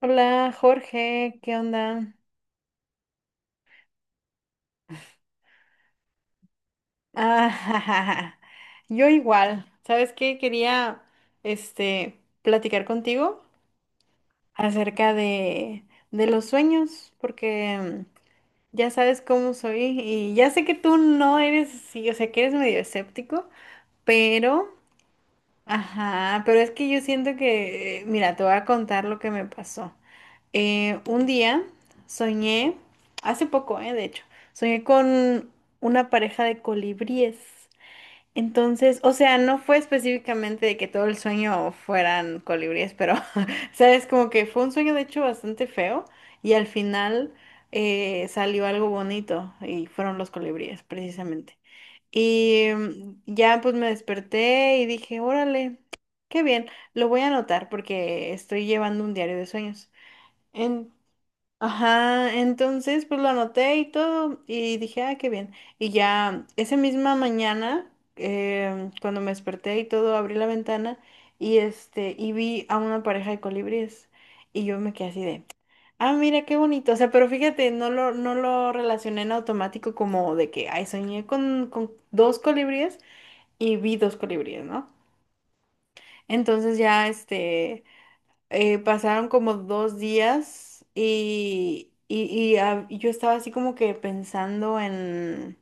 Hola Jorge, ¿qué onda? Ah, jajaja. Yo igual, ¿sabes qué? Quería platicar contigo acerca de los sueños, porque ya sabes cómo soy y ya sé que tú no eres así, o sea, que eres medio escéptico, pero, ajá, pero es que yo siento que, mira, te voy a contar lo que me pasó. Un día soñé, hace poco, de hecho, soñé con una pareja de colibríes. Entonces, o sea, no fue específicamente de que todo el sueño fueran colibríes, pero, sabes, como que fue un sueño de hecho bastante feo y al final salió algo bonito y fueron los colibríes, precisamente. Y ya pues me desperté y dije, órale, qué bien, lo voy a anotar porque estoy llevando un diario de sueños. En- Ajá, entonces pues lo anoté y todo y dije, ah, qué bien. Y ya esa misma mañana, cuando me desperté y todo, abrí la ventana y vi a una pareja de colibríes y yo me quedé así de, ah, mira, qué bonito. O sea, pero fíjate, no lo relacioné en automático como de que, ay, soñé con dos colibríes y vi dos colibríes, ¿no? Entonces ya pasaron como dos días y yo estaba así como que pensando en,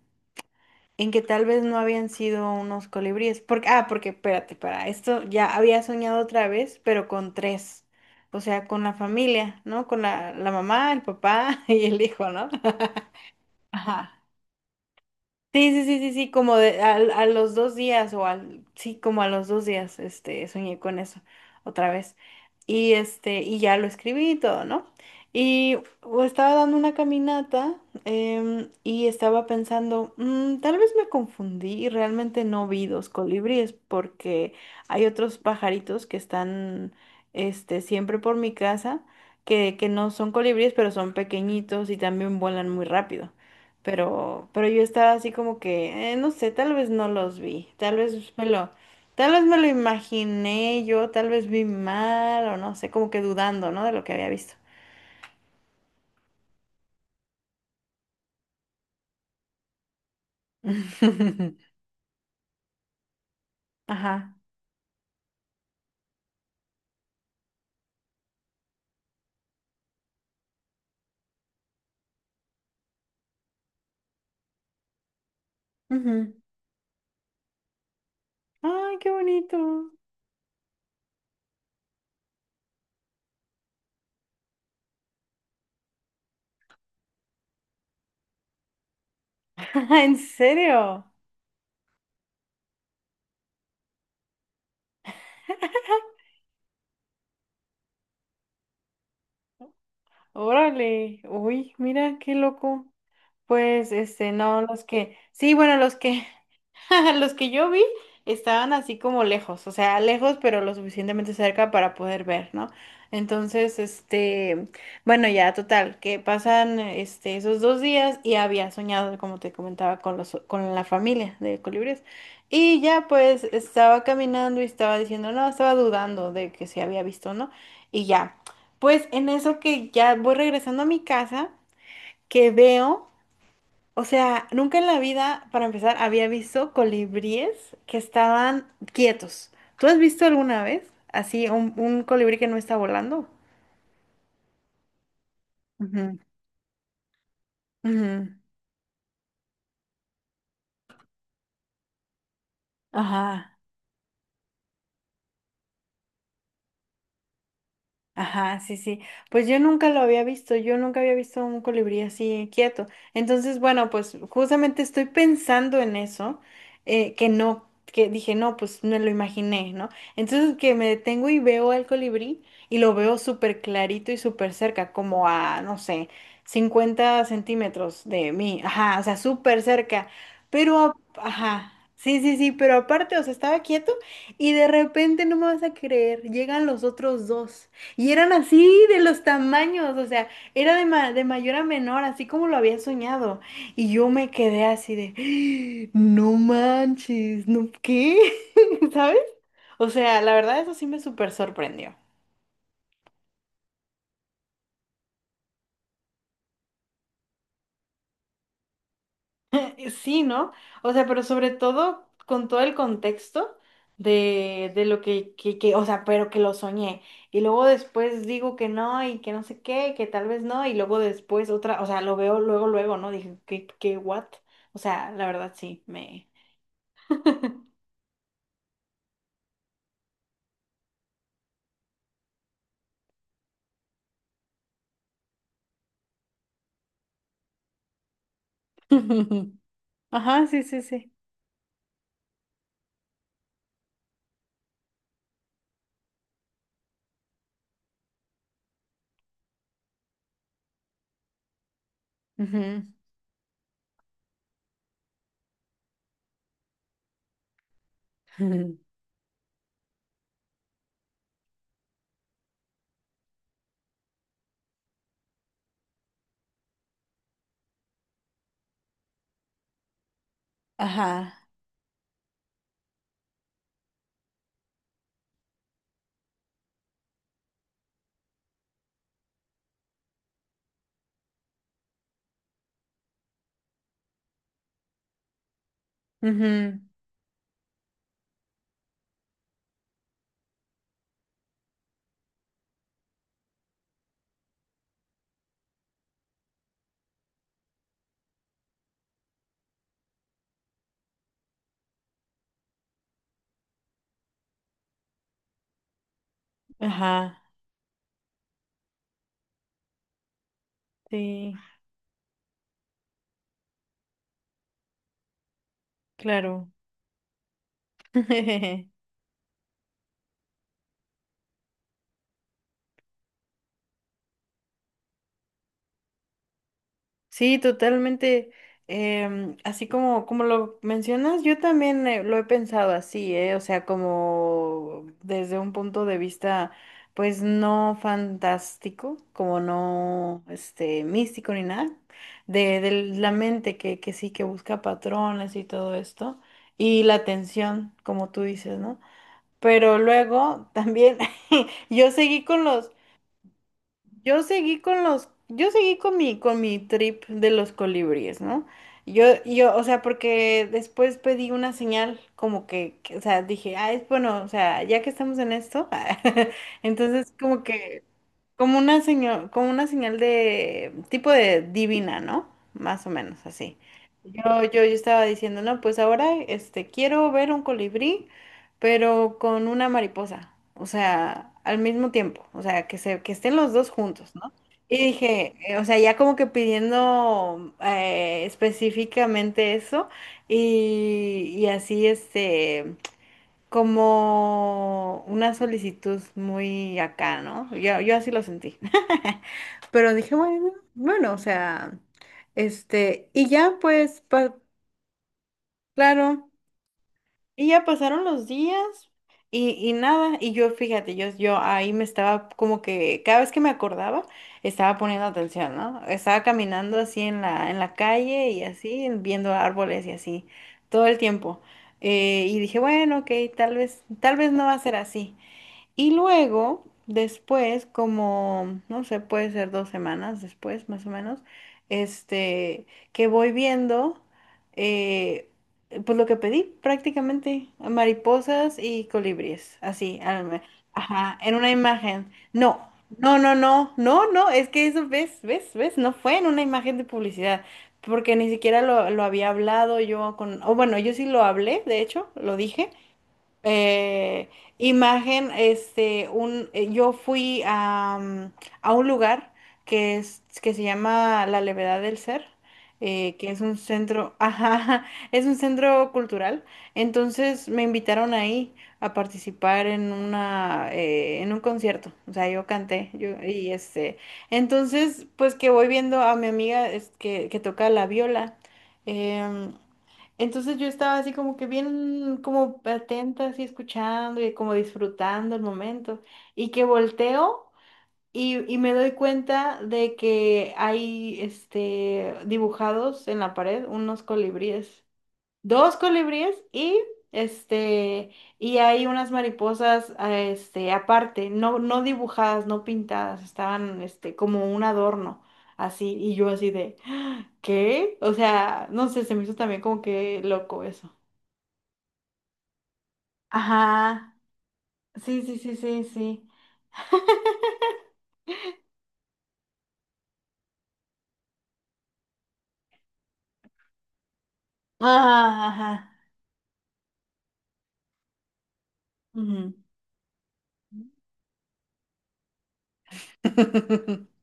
en que tal vez no habían sido unos colibríes. Porque espérate, para esto ya había soñado otra vez, pero con tres. O sea, con la familia, ¿no? Con la mamá, el papá y el hijo, ¿no? Ajá. Sí, sí, sí, sí, sí, como de, a los dos días o al, sí, como a los dos días, soñé con eso otra vez. Y y ya lo escribí y todo, ¿no? Y o estaba dando una caminata y estaba pensando: tal vez me confundí y realmente no vi dos colibríes porque hay otros pajaritos que están, siempre por mi casa que no son colibríes, pero son pequeñitos y también vuelan muy rápido. Pero yo estaba así como que, no sé, tal vez no los vi, tal vez me lo imaginé yo, tal vez vi mal o no sé, como que dudando, ¿no? De lo que había visto. Ajá. Ujú. Ay, qué bonito. ¿En serio? Órale. Uy, mira, qué loco. Pues, no, los que, sí, bueno, los que los que yo vi estaban así como lejos, o sea, lejos pero lo suficientemente cerca para poder ver, ¿no? Entonces, bueno, ya total, que pasan esos dos días y había soñado, como te comentaba, con los con la familia de colibríes. Y ya pues estaba caminando y estaba diciendo, no, estaba dudando de que se había visto, ¿no? Y ya. Pues en eso que ya voy regresando a mi casa, que veo, o sea, nunca en la vida, para empezar, había visto colibríes que estaban quietos. ¿Tú has visto alguna vez así un colibrí que no está volando? Ujú. Ujú. Ajá. Ajá, sí, sí. Pues yo nunca lo había visto, yo nunca había visto un colibrí así quieto. Entonces, bueno, pues justamente estoy pensando en eso, que no, que dije, no, pues me lo imaginé, ¿no? Entonces que me detengo y veo al colibrí y lo veo súper clarito y súper cerca, como a, no sé, 50 cm de mí, ajá, o sea, súper cerca. Pero, ajá, sí, sí, sí, pero aparte, o sea, estaba quieto y de repente, no me vas a creer, llegan los otros dos. Y eran así de los tamaños, o sea, era de, de mayor a menor, así como lo había soñado. Y yo me quedé así de, no manches, no, ¿qué? ¿Sabes? O sea, la verdad eso sí me súper sorprendió. Sí, ¿no? O sea, pero sobre todo con todo el contexto de lo o sea, pero que lo soñé. Y luego después digo que no y que no sé qué, que tal vez no. Y luego después otra, o sea, lo veo luego, luego, ¿no? Dije, ¿qué, qué, what? O sea, la verdad sí, me... Ajá, sí, sí, sí. Ujú. Ujú. Ajá. Ujú. Ajá. Sí, claro. Sí, totalmente. Así como lo mencionas, yo también lo he pensado así, ¿eh? O sea, como desde un punto de vista, pues no fantástico, como no, místico ni nada, de la mente que sí, que busca patrones y todo esto, y la atención, como tú dices, ¿no? Pero luego también. Yo seguí con los... Yo seguí con los, yo seguí con mi, trip de los colibríes, ¿no? Yo, o sea, porque después pedí una señal como o sea, dije, ah, es bueno, o sea, ya que estamos en esto, entonces como que, como una señal de tipo de divina, ¿no? Más o menos así. Yo estaba diciendo, no, pues ahora, quiero ver un colibrí pero con una mariposa, o sea, al mismo tiempo, o sea, que estén los dos juntos, ¿no? Y dije, o sea, ya como que pidiendo específicamente eso y así, como una solicitud muy acá, ¿no? Yo así lo sentí. Pero dije, bueno, bueno, o sea, y ya pues, claro. Y ya pasaron los días y nada, y yo fíjate, yo ahí me estaba como que cada vez que me acordaba, estaba poniendo atención, ¿no? Estaba caminando así en la calle y así, viendo árboles y así, todo el tiempo. Y dije, bueno, ok, tal vez no va a ser así. Y luego, después, como, no sé, puede ser dos semanas después, más o menos, este, que voy viendo, eh, pues lo que pedí prácticamente, mariposas y colibríes, así, al ajá, en una imagen. No, no, no, no, no, no, es que eso, ves, ves, ves, no fue en una imagen de publicidad. Porque ni siquiera lo había hablado yo con, o bueno, yo sí lo hablé, de hecho, lo dije, eh, imagen, yo fui a, a un lugar que se llama La Levedad del Ser, que es un centro, ajá, es un centro cultural. Entonces me invitaron ahí a participar en en un concierto. O sea, yo canté, entonces, pues que voy viendo a mi amiga es que toca la viola. em, entonces yo estaba así como que bien, como atenta, así escuchando y como disfrutando el momento. Y que volteo y me doy cuenta de que hay dibujados en la pared unos colibríes, dos colibríes este y hay unas mariposas, ah, aparte, no dibujadas, no pintadas, estaban como un adorno, así, y yo así de "Ah, ¿qué? O sea, no sé, se me hizo también como que loco eso". Ajá. Sí, sí, sí, sí, sí. Ah, ajá. Ujú.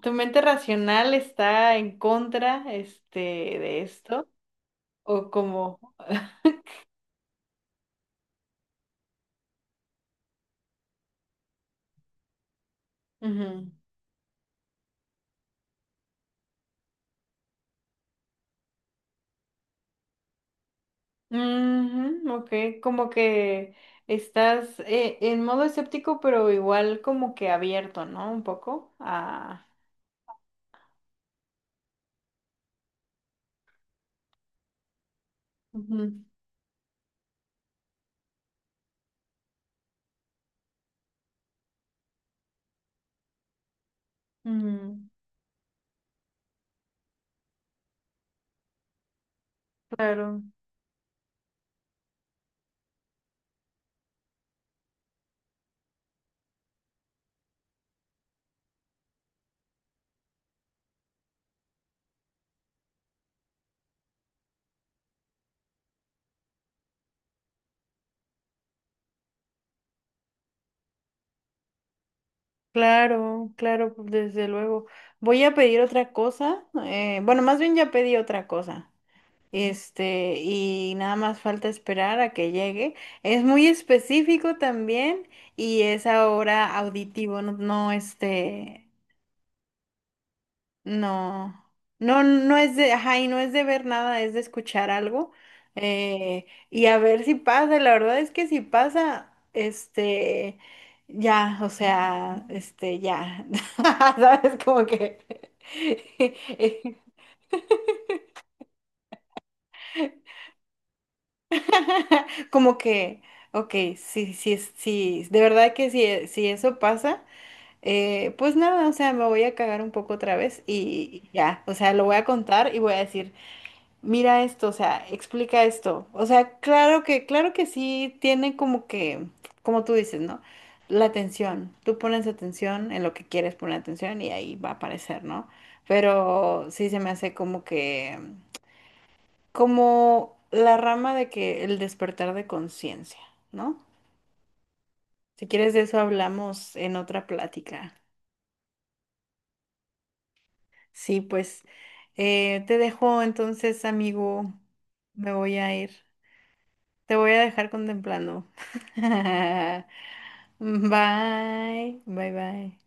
¿Tu mente racional está en contra de esto o como? Ujú, ok, como que estás en modo escéptico, pero igual como que abierto, ¿no? Un poco a... Ujú, mm, claro, claro, claro, pues, desde luego. Voy a pedir otra cosa, bueno, más bien ya pedí otra cosa, y nada más falta esperar a que llegue. Es muy específico también y es ahora auditivo, no, no No, no, no es de, ajá, y no es de ver nada, es de escuchar algo. eh, y a ver si pasa, la verdad es que si pasa, ya, o sea, ya, ¿sabes? Como que, como que, ok, sí, sí, sí, de verdad que si eso pasa, pues nada, o sea, me voy a cagar un poco otra vez y ya, o sea, lo voy a contar y voy a decir. Mira esto, o sea, explica esto. O sea, claro que sí tiene como que, como tú dices, ¿no? La atención. Tú pones atención en lo que quieres poner atención y ahí va a aparecer, ¿no? Pero sí se me hace como que, como la rama de que el despertar de conciencia, ¿no? Si quieres de eso hablamos en otra plática. Sí, pues te dejo entonces, amigo. Me voy a ir. Te voy a dejar contemplando. Bye, bye, bye.